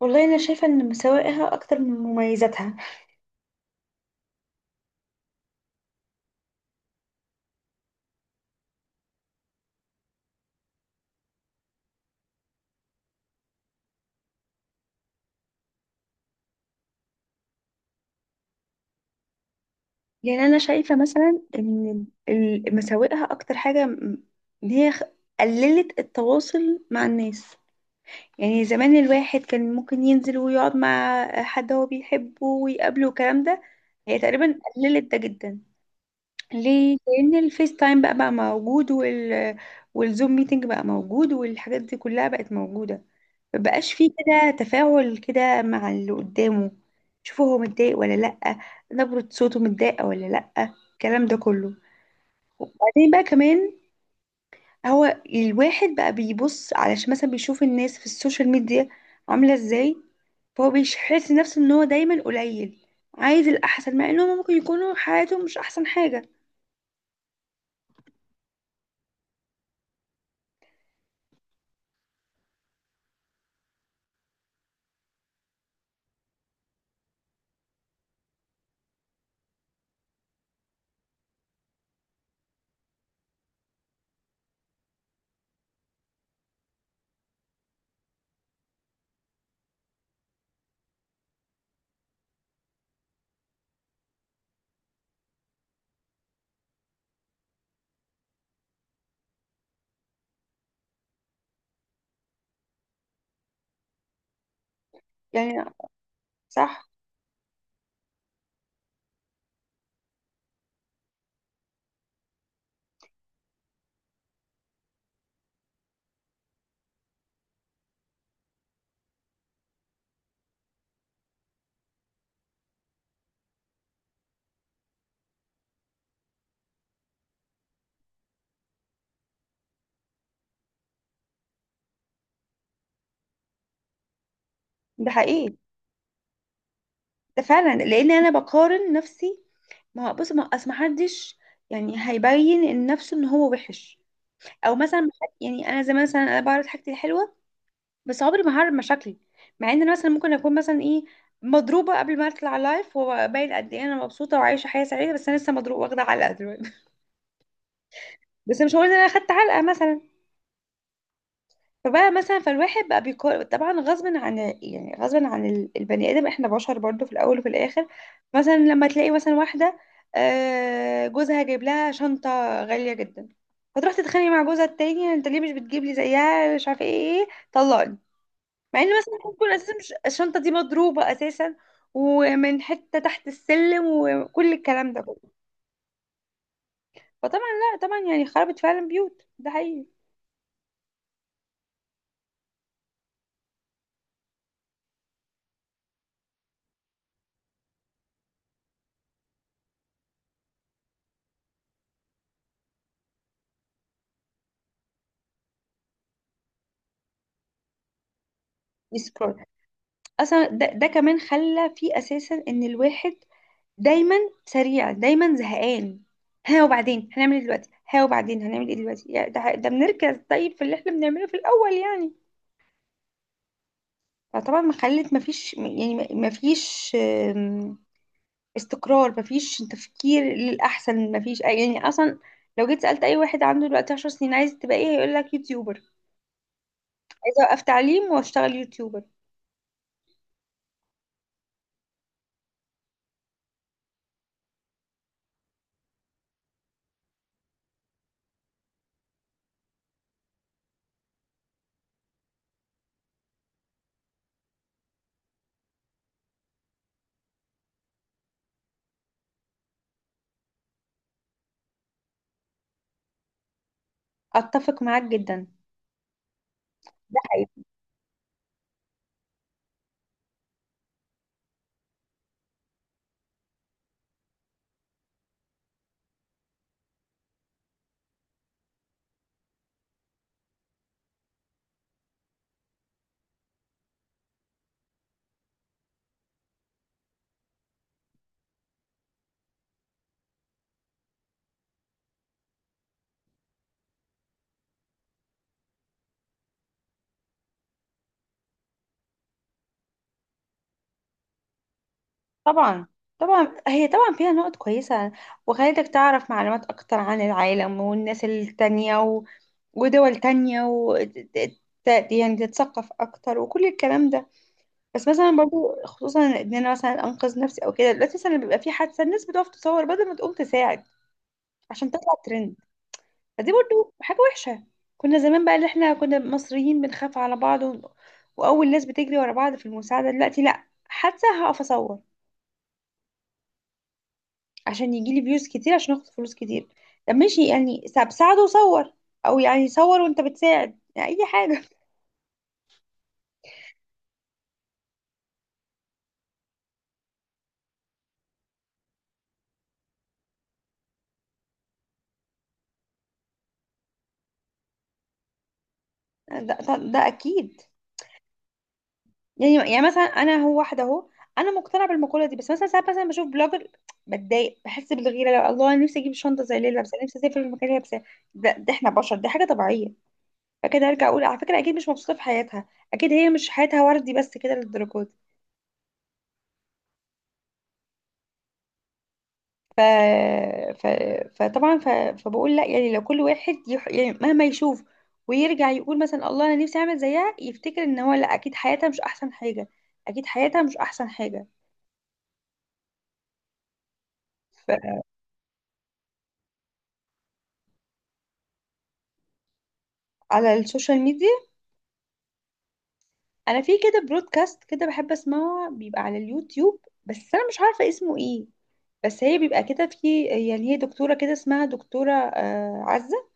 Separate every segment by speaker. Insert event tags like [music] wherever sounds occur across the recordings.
Speaker 1: والله انا شايفه ان مساوئها اكتر من مميزاتها. يعني انا شايفه مثلا ان مساوئها اكتر حاجه ان هي خ- قللت التواصل مع الناس. يعني زمان الواحد كان ممكن ينزل ويقعد مع حد هو بيحبه ويقابله والكلام ده. هي تقريبا قللت ده جدا. ليه؟ لان الفيس تايم بقى موجود والزوم ميتنج بقى موجود والحاجات دي كلها بقت موجوده. مبقاش فيه كده تفاعل كده مع اللي قدامه، شوفه هو متضايق ولا لأ، نبرة صوته متضايقة ولا لأ، الكلام ده كله. وبعدين بقى كمان هو الواحد بقى بيبص علشان مثلا بيشوف الناس في السوشيال ميديا عاملة ازاي، فهو بيحس نفسه ان هو دايما قليل، عايز الأحسن، مع انهم ممكن يكونوا حياتهم مش أحسن حاجة. يعني صح، ده حقيقي. ده فعلا لأن أنا بقارن نفسي. ما بص، ما أصل محدش يعني هيبين إن نفسه إن هو وحش. او مثلا يعني انا زي مثلا انا بعرض حاجتي الحلوه، بس عمري ما هعرض مشاكلي. مع ان انا مثلا ممكن اكون مثلا ايه، مضروبه قبل ما اطلع لايف، وباين قد ايه انا مبسوطه وعايشه حياه سعيده، بس انا لسه مضروبه واخده علقه دلوقتي. [laughs] بس مش هقول ان انا اخدت علقه مثلا. فبقى مثلا فالواحد بقى بيقارن طبعا غصب عن، يعني غصب عن البني ادم، احنا بشر برضو في الاول وفي الاخر. مثلا لما تلاقي مثلا واحده جوزها جايب لها شنطه غاليه جدا، فتروح تتخانق مع جوزها التاني: انت ليه مش بتجيب لي زيها، مش عارفه ايه ايه طلقني. مع ان مثلا ممكن تكون اساسا الشنطه دي مضروبه اساسا، ومن حته تحت السلم، وكل الكلام ده كله. فطبعا لا طبعا يعني خربت فعلا بيوت، ده حقيقي. يسكرول. اصلا ده كمان خلى فيه اساسا ان الواحد دايما سريع، دايما زهقان. ها وبعدين هنعمل ايه دلوقتي، ها وبعدين هنعمل ايه دلوقتي، يعني ده بنركز طيب في اللي احنا بنعمله في الاول يعني. فطبعا ما خلت ما فيش، يعني ما فيش استقرار، مفيش تفكير للأحسن، مفيش أي يعني أصلا. لو جيت سألت أي واحد عنده دلوقتي 10 سنين عايز تبقى إيه، هيقول لك يوتيوبر. عايز أوقف تعليم وأشتغل يوتيوبر. أتفق معاك جدا، ده حقيقي. طبعا، طبعا هي طبعا فيها نقط كويسة، وخلتك تعرف معلومات أكتر عن العالم والناس التانية ودول تانية يعني تتثقف أكتر وكل الكلام ده. بس مثلا برضو خصوصا إن أنا مثلا أنقذ نفسي أو كده، دلوقتي مثلا بيبقى في حادثة الناس بتقف تصور بدل ما تقوم تساعد، عشان تطلع ترند. فدي برضو حاجة وحشة. كنا زمان بقى، اللي احنا كنا مصريين بنخاف على بعض وأول ناس بتجري ورا بعض في المساعدة، دلوقتي لأ، حتى هقف أصور عشان يجيلي فيوز كتير، عشان آخد فلوس كتير. طب ماشي يعني ساعده وصور، أو يعني صور وأنت بتساعد، يعني أي حاجة. [laughs] ده أكيد. يعني مثلا أنا هو واحدة أهو، أنا مقتنعة بالمقولة دي، بس مثلا ساعات مثلا بشوف بلوجر بتضايق، بحس بالغيرة، لو الله أنا نفسي أجيب شنطة زي اللي هي لابسة، نفسي أسافر المكان اللي هي لابساه. ده إحنا بشر، دي حاجة طبيعية. فكده ارجع اقول على فكره اكيد مش مبسوطه في حياتها، اكيد هي مش حياتها وردي بس كده للدرجه دي. ف... ف... فطبعا فبقول لا يعني، لو كل واحد يعني مهما يشوف ويرجع يقول مثلا الله انا نفسي اعمل زيها، يفتكر ان هو لا، اكيد حياتها مش احسن حاجه، اكيد حياتها مش احسن حاجه. ف... على السوشيال ميديا، انا في كده برودكاست كده بحب اسمعه بيبقى على اليوتيوب، بس انا مش عارفه اسمه ايه، بس هي بيبقى كده، في يعني هي دكتوره كده اسمها دكتوره عزة.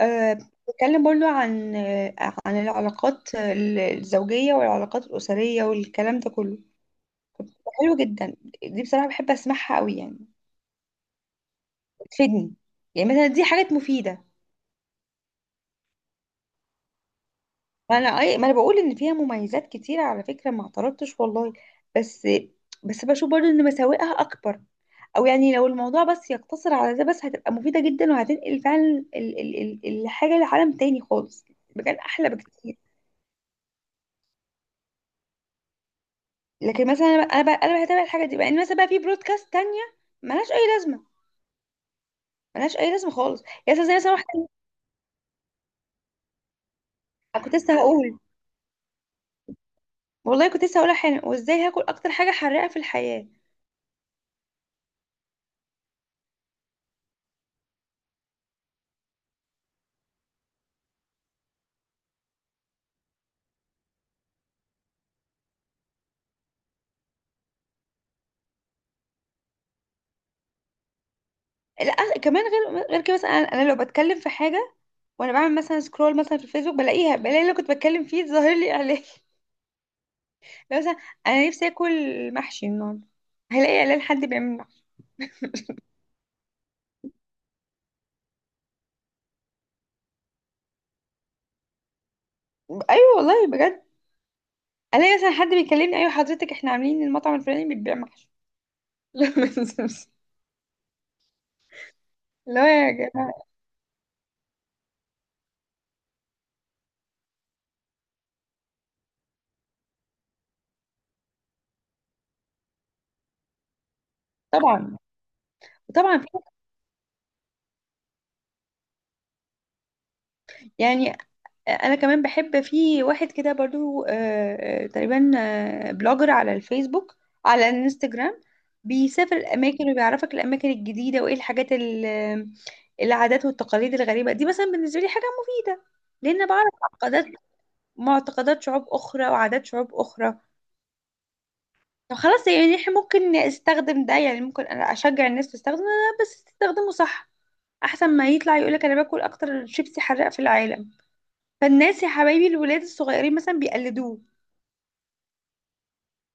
Speaker 1: أه. بتكلم برضو عن العلاقات الزوجية والعلاقات الأسرية والكلام ده كله. بتبقى حلوة جدا، دي بصراحة بحب أسمعها قوي يعني. بتفيدني، يعني مثلا دي حاجات مفيدة. ما أنا أي، ما أنا بقول إن فيها مميزات كتيرة على فكرة، ما اعترضتش والله. بس بس بشوف برضو إن مساوئها أكبر. أو يعني لو الموضوع بس يقتصر على ده بس، هتبقى مفيدة جدا، وهتنقل فعلا ال- ال- الحاجة لعالم تاني خالص، مكان أحلى بكتير. لكن مثلا انا بقى انا بقى هتابع الحاجه دي بقى ان مثلا بقى في برودكاست تانية ملهاش اي لازمه، ملهاش اي لازمه خالص. يا أستاذ زي مثلا واحد، كنت لسه هقول. والله كنت لسه هقولها حالا، وازاي هاكل اكتر حاجه حراقه في الحياه. لا كمان غير كده، مثلا أنا لو بتكلم في حاجه وانا بعمل مثلا سكرول مثلا في الفيسبوك، بلاقيها، بلاقي اللي كنت بتكلم فيه ظاهر لي اعلان [laughs] لو مثلا انا نفسي اكل محشي النهارده، هلاقي اعلان حد بيعمل محشي. ايوه والله بجد. الاقي مثلا حد بيكلمني: ايوه حضرتك احنا عاملين المطعم الفلاني بيبيع محشي. [laughs] لا، اللي هو يا جماعه. طبعا طبعا، في يعني، انا كمان بحب في واحد كده برضو تقريبا بلوجر على الفيسبوك، على الانستجرام. بيسافر الاماكن وبيعرفك الاماكن الجديده، وايه الحاجات العادات والتقاليد الغريبه دي، مثلا بالنسبه لي حاجه مفيده. لان بعرف معتقدات شعوب اخرى وعادات شعوب اخرى. طب خلاص يعني احنا ممكن استخدم ده، يعني ممكن انا اشجع الناس تستخدم ده، بس تستخدمه صح. احسن ما يطلع يقولك انا باكل اكتر شيبسي حراق في العالم، فالناس يا حبايبي الولاد الصغيرين مثلا بيقلدوه.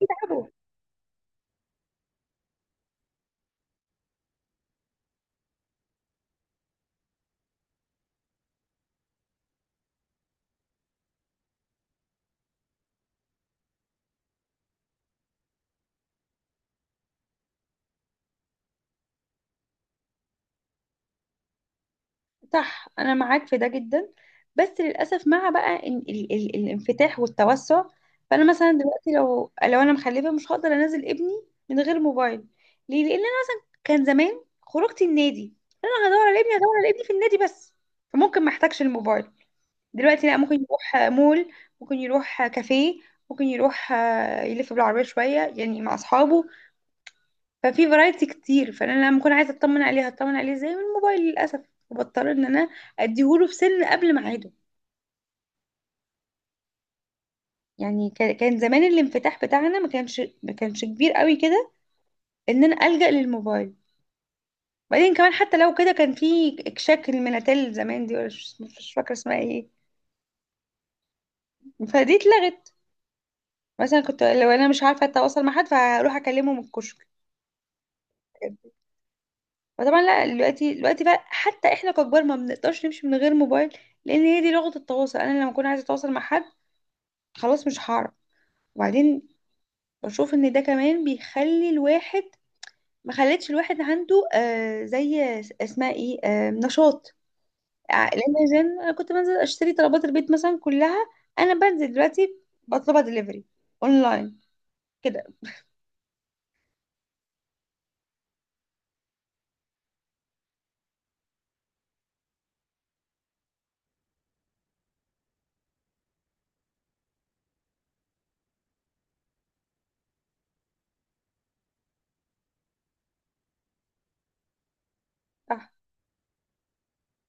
Speaker 1: برافو. صح، انا معاك في ده جدا. بس للاسف مع بقى إن ال ال الانفتاح والتوسع، فانا مثلا دلوقتي لو انا مخلفه مش هقدر انزل ابني من غير موبايل. ليه؟ لان انا كان زمان خروجتي النادي. انا هدور على ابني في النادي بس، فممكن ما احتاجش الموبايل. دلوقتي لا، ممكن يروح مول، ممكن يروح كافيه، ممكن يروح يلف بالعربيه شويه يعني مع اصحابه. ففي فرايتي كتير، فانا لما اكون عايزه اطمن عليه هطمن عليه ازاي؟ من الموبايل للاسف. وبضطر ان انا اديهوله في سن قبل ميعاده. يعني كان زمان الانفتاح بتاعنا ما كانش كبير قوي كده، ان انا الجا للموبايل. بعدين كمان حتى لو كده، كان في اكشاك المناتيل زمان دي، ولا مش فاكره اسمها ايه، فدي اتلغت. مثلا كنت لو انا مش عارفه اتواصل مع حد، فهروح اكلمه من الكشك. فطبعا لا، دلوقتي بقى حتى احنا ككبار ما بنقدرش نمشي من غير موبايل، لان هي دي لغه التواصل. انا لما اكون عايزه اتواصل مع حد خلاص مش هعرف. وبعدين بشوف ان ده كمان بيخلي الواحد، ما خلتش الواحد عنده زي اسمها ايه نشاط. لان زمان انا كنت بنزل اشتري طلبات البيت مثلا كلها، انا بنزل. دلوقتي بطلبها دليفري اونلاين كده. آه.